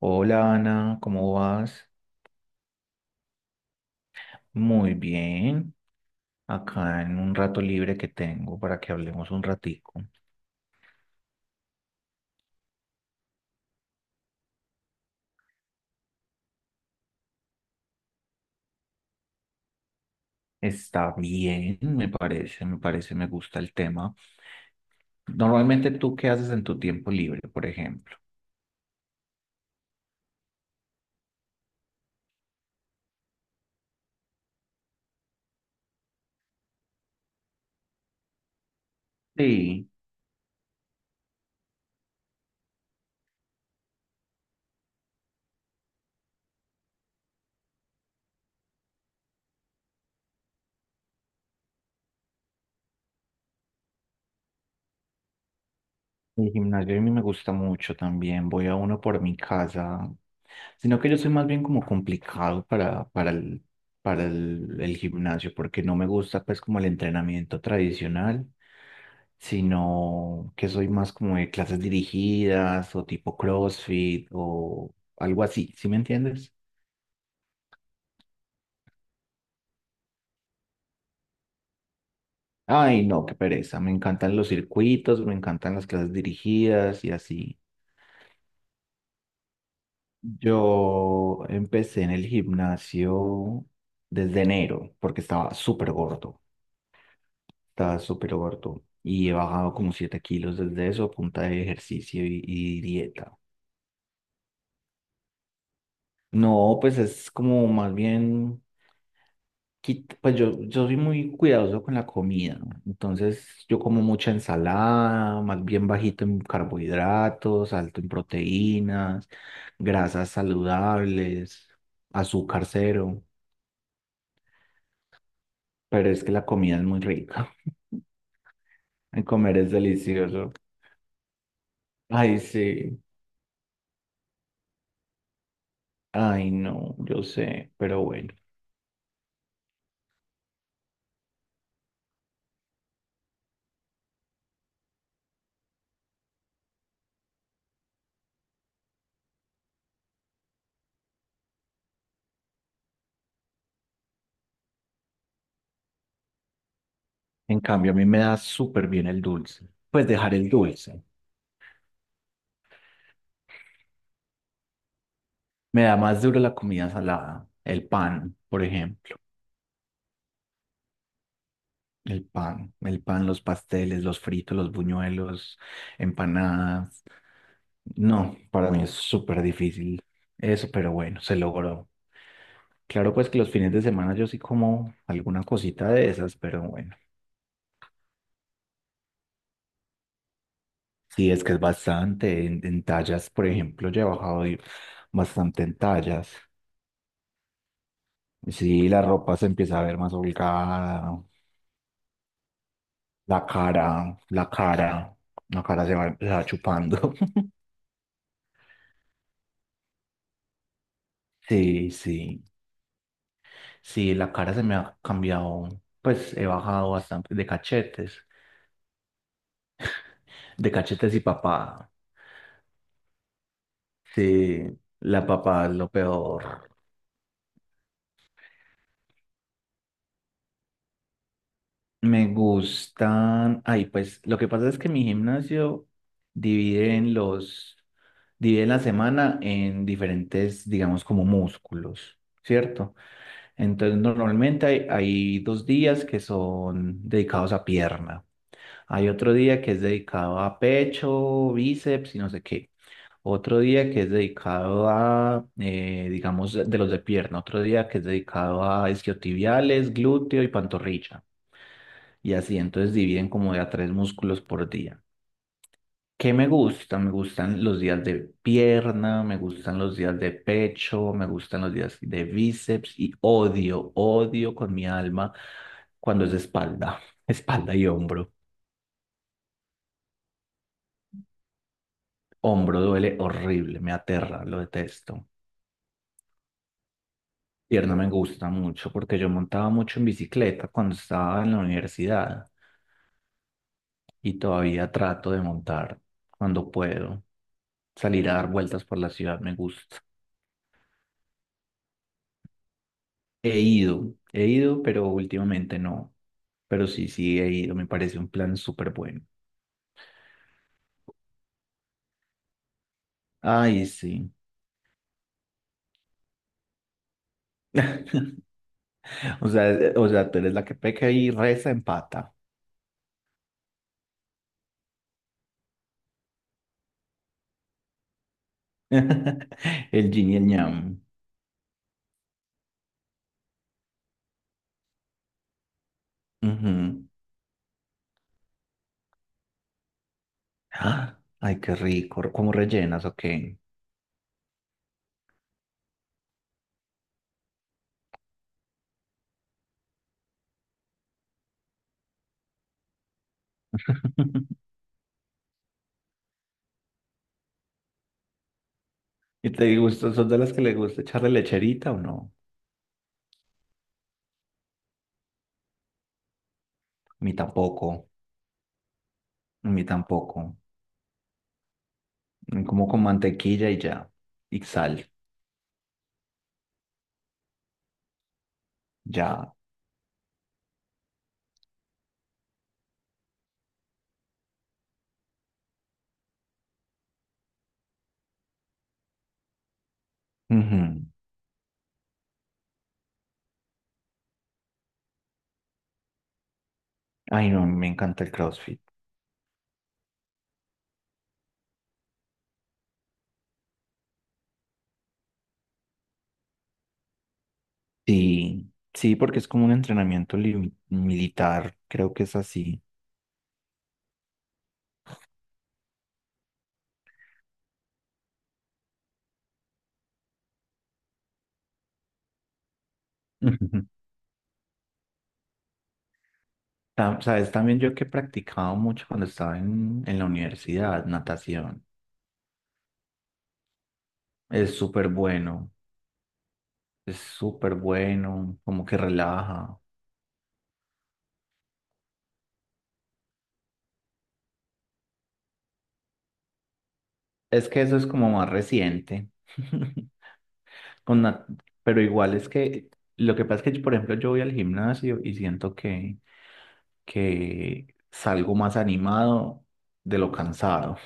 Hola Ana, ¿cómo vas? Muy bien. Acá en un rato libre que tengo para que hablemos un ratico. Está bien, me parece, me gusta el tema. Normalmente, ¿tú qué haces en tu tiempo libre, por ejemplo? Sí. El gimnasio a mí me gusta mucho también, voy a uno por mi casa, sino que yo soy más bien como complicado para el gimnasio, porque no me gusta pues como el entrenamiento tradicional, sino que soy más como de clases dirigidas o tipo CrossFit o algo así, ¿sí me entiendes? Ay, no, qué pereza, me encantan los circuitos, me encantan las clases dirigidas y así. Yo empecé en el gimnasio desde enero porque estaba súper gordo, y he bajado como 7 kilos desde eso a punta de ejercicio y dieta. No, pues es como más bien, pues yo soy muy cuidadoso con la comida, ¿no? Entonces yo como mucha ensalada, más bien bajito en carbohidratos, alto en proteínas, grasas saludables, azúcar cero. Pero es que la comida es muy rica. El comer es delicioso. Ay, sí. Ay, no, yo sé, pero bueno. En cambio, a mí me da súper bien el dulce. Pues dejar el dulce. Me da más duro la comida salada, el pan, por ejemplo. El pan, los pasteles, los fritos, los buñuelos, empanadas. No, para mí es súper difícil eso, pero bueno, se logró. Claro, pues que los fines de semana yo sí como alguna cosita de esas, pero bueno, sí es que es bastante. En tallas, por ejemplo, yo he bajado bastante en tallas. Sí, la ropa se empieza a ver más holgada, la cara, la cara, la cara, se va chupando. Sí, sí. Sí, la cara se me ha cambiado, pues he bajado bastante de cachetes y papada. Sí, la papada es lo peor. Me gustan, ay, pues lo que pasa es que mi gimnasio divide en los, divide la semana en diferentes, digamos, como músculos, ¿cierto? Entonces normalmente hay 2 días que son dedicados a pierna, hay otro día que es dedicado a pecho, bíceps y no sé qué. Otro día que es dedicado a, digamos, de los de pierna. Otro día que es dedicado a isquiotibiales, glúteo y pantorrilla. Y así, entonces dividen como de a tres músculos por día. ¿Qué me gusta? Me gustan los días de pierna, me gustan los días de pecho, me gustan los días de bíceps y odio, odio con mi alma cuando es espalda, espalda y hombro. Hombro duele horrible, me aterra, lo detesto. Pierna me gusta mucho porque yo montaba mucho en bicicleta cuando estaba en la universidad y todavía trato de montar cuando puedo. Salir a dar vueltas por la ciudad me gusta. He ido, pero últimamente no. Pero sí, sí, he ido, me parece un plan súper bueno. Ay, sí. O sea, tú eres la que peca y reza empata. El yin y el yang. Ujú. Ah, ay, qué rico. ¿Cómo rellenas o qué? ¿Y te gusta, sos de las que le gusta echarle lecherita o no? A mí tampoco, a mí tampoco. Como con mantequilla y ya, y sal, ya. Ujú. Ay, no, me encanta el CrossFit. Sí, sí, porque es como un entrenamiento militar, creo que es así. Ujú. Sabes, también yo que he practicado mucho cuando estaba en la universidad, natación. Es súper bueno, es súper bueno, como que relaja. Es que eso es como más reciente. Con na- pero igual es que lo que pasa es que, por ejemplo, yo voy al gimnasio y siento que, salgo más animado de lo cansado.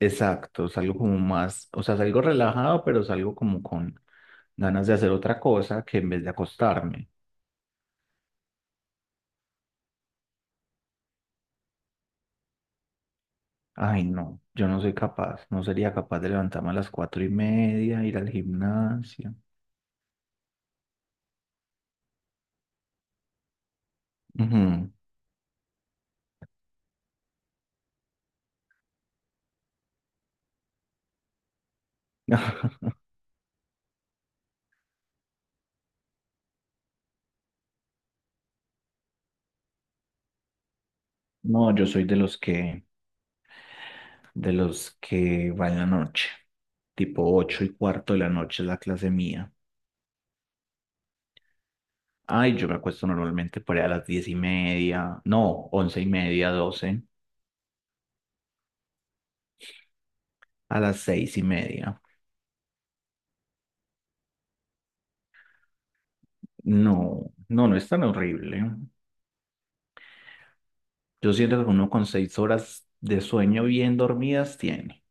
Exacto, salgo como más, o sea, salgo relajado, pero salgo como con ganas de hacer otra cosa que en vez de acostarme. Ay, no, yo no soy capaz, no sería capaz de levantarme a las 4:30, ir al gimnasio. Ujú. No, yo soy de los que va en la noche, tipo 8:15 de la noche es la clase mía. Ay, yo me acuesto normalmente por ahí a las 10:30, no, 11:30, doce a las 6:30. No, no, no es tan horrible. Yo siento que uno con 6 horas de sueño bien dormidas tiene.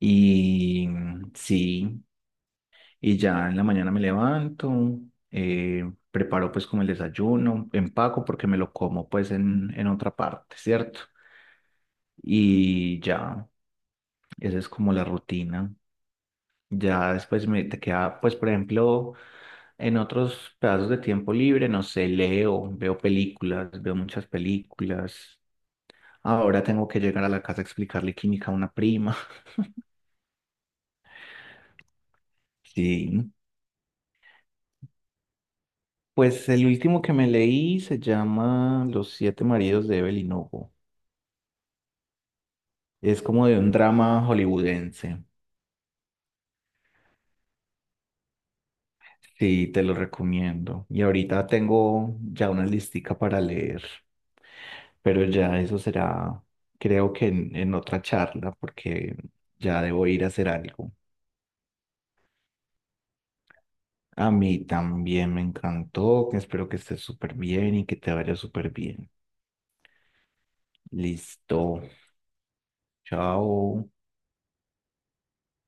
Y sí, y ya en la mañana me levanto, preparo pues como el desayuno, empaco porque me lo como pues en otra parte, ¿cierto? Y ya, esa es como la rutina. Ya después me te queda, pues por ejemplo, en otros pedazos de tiempo libre, no sé, leo, veo películas, veo muchas películas. Ahora tengo que llegar a la casa a explicarle química a una prima. Sí. Pues el último que me leí se llama Los siete maridos de Evelyn Hugo. Es como de un drama hollywoodense. Sí, te lo recomiendo. Y ahorita tengo ya una listica para leer, pero ya eso será, creo que en otra charla, porque ya debo ir a hacer algo. A mí también me encantó, que espero que estés súper bien y que te vaya súper bien. Listo. Chao.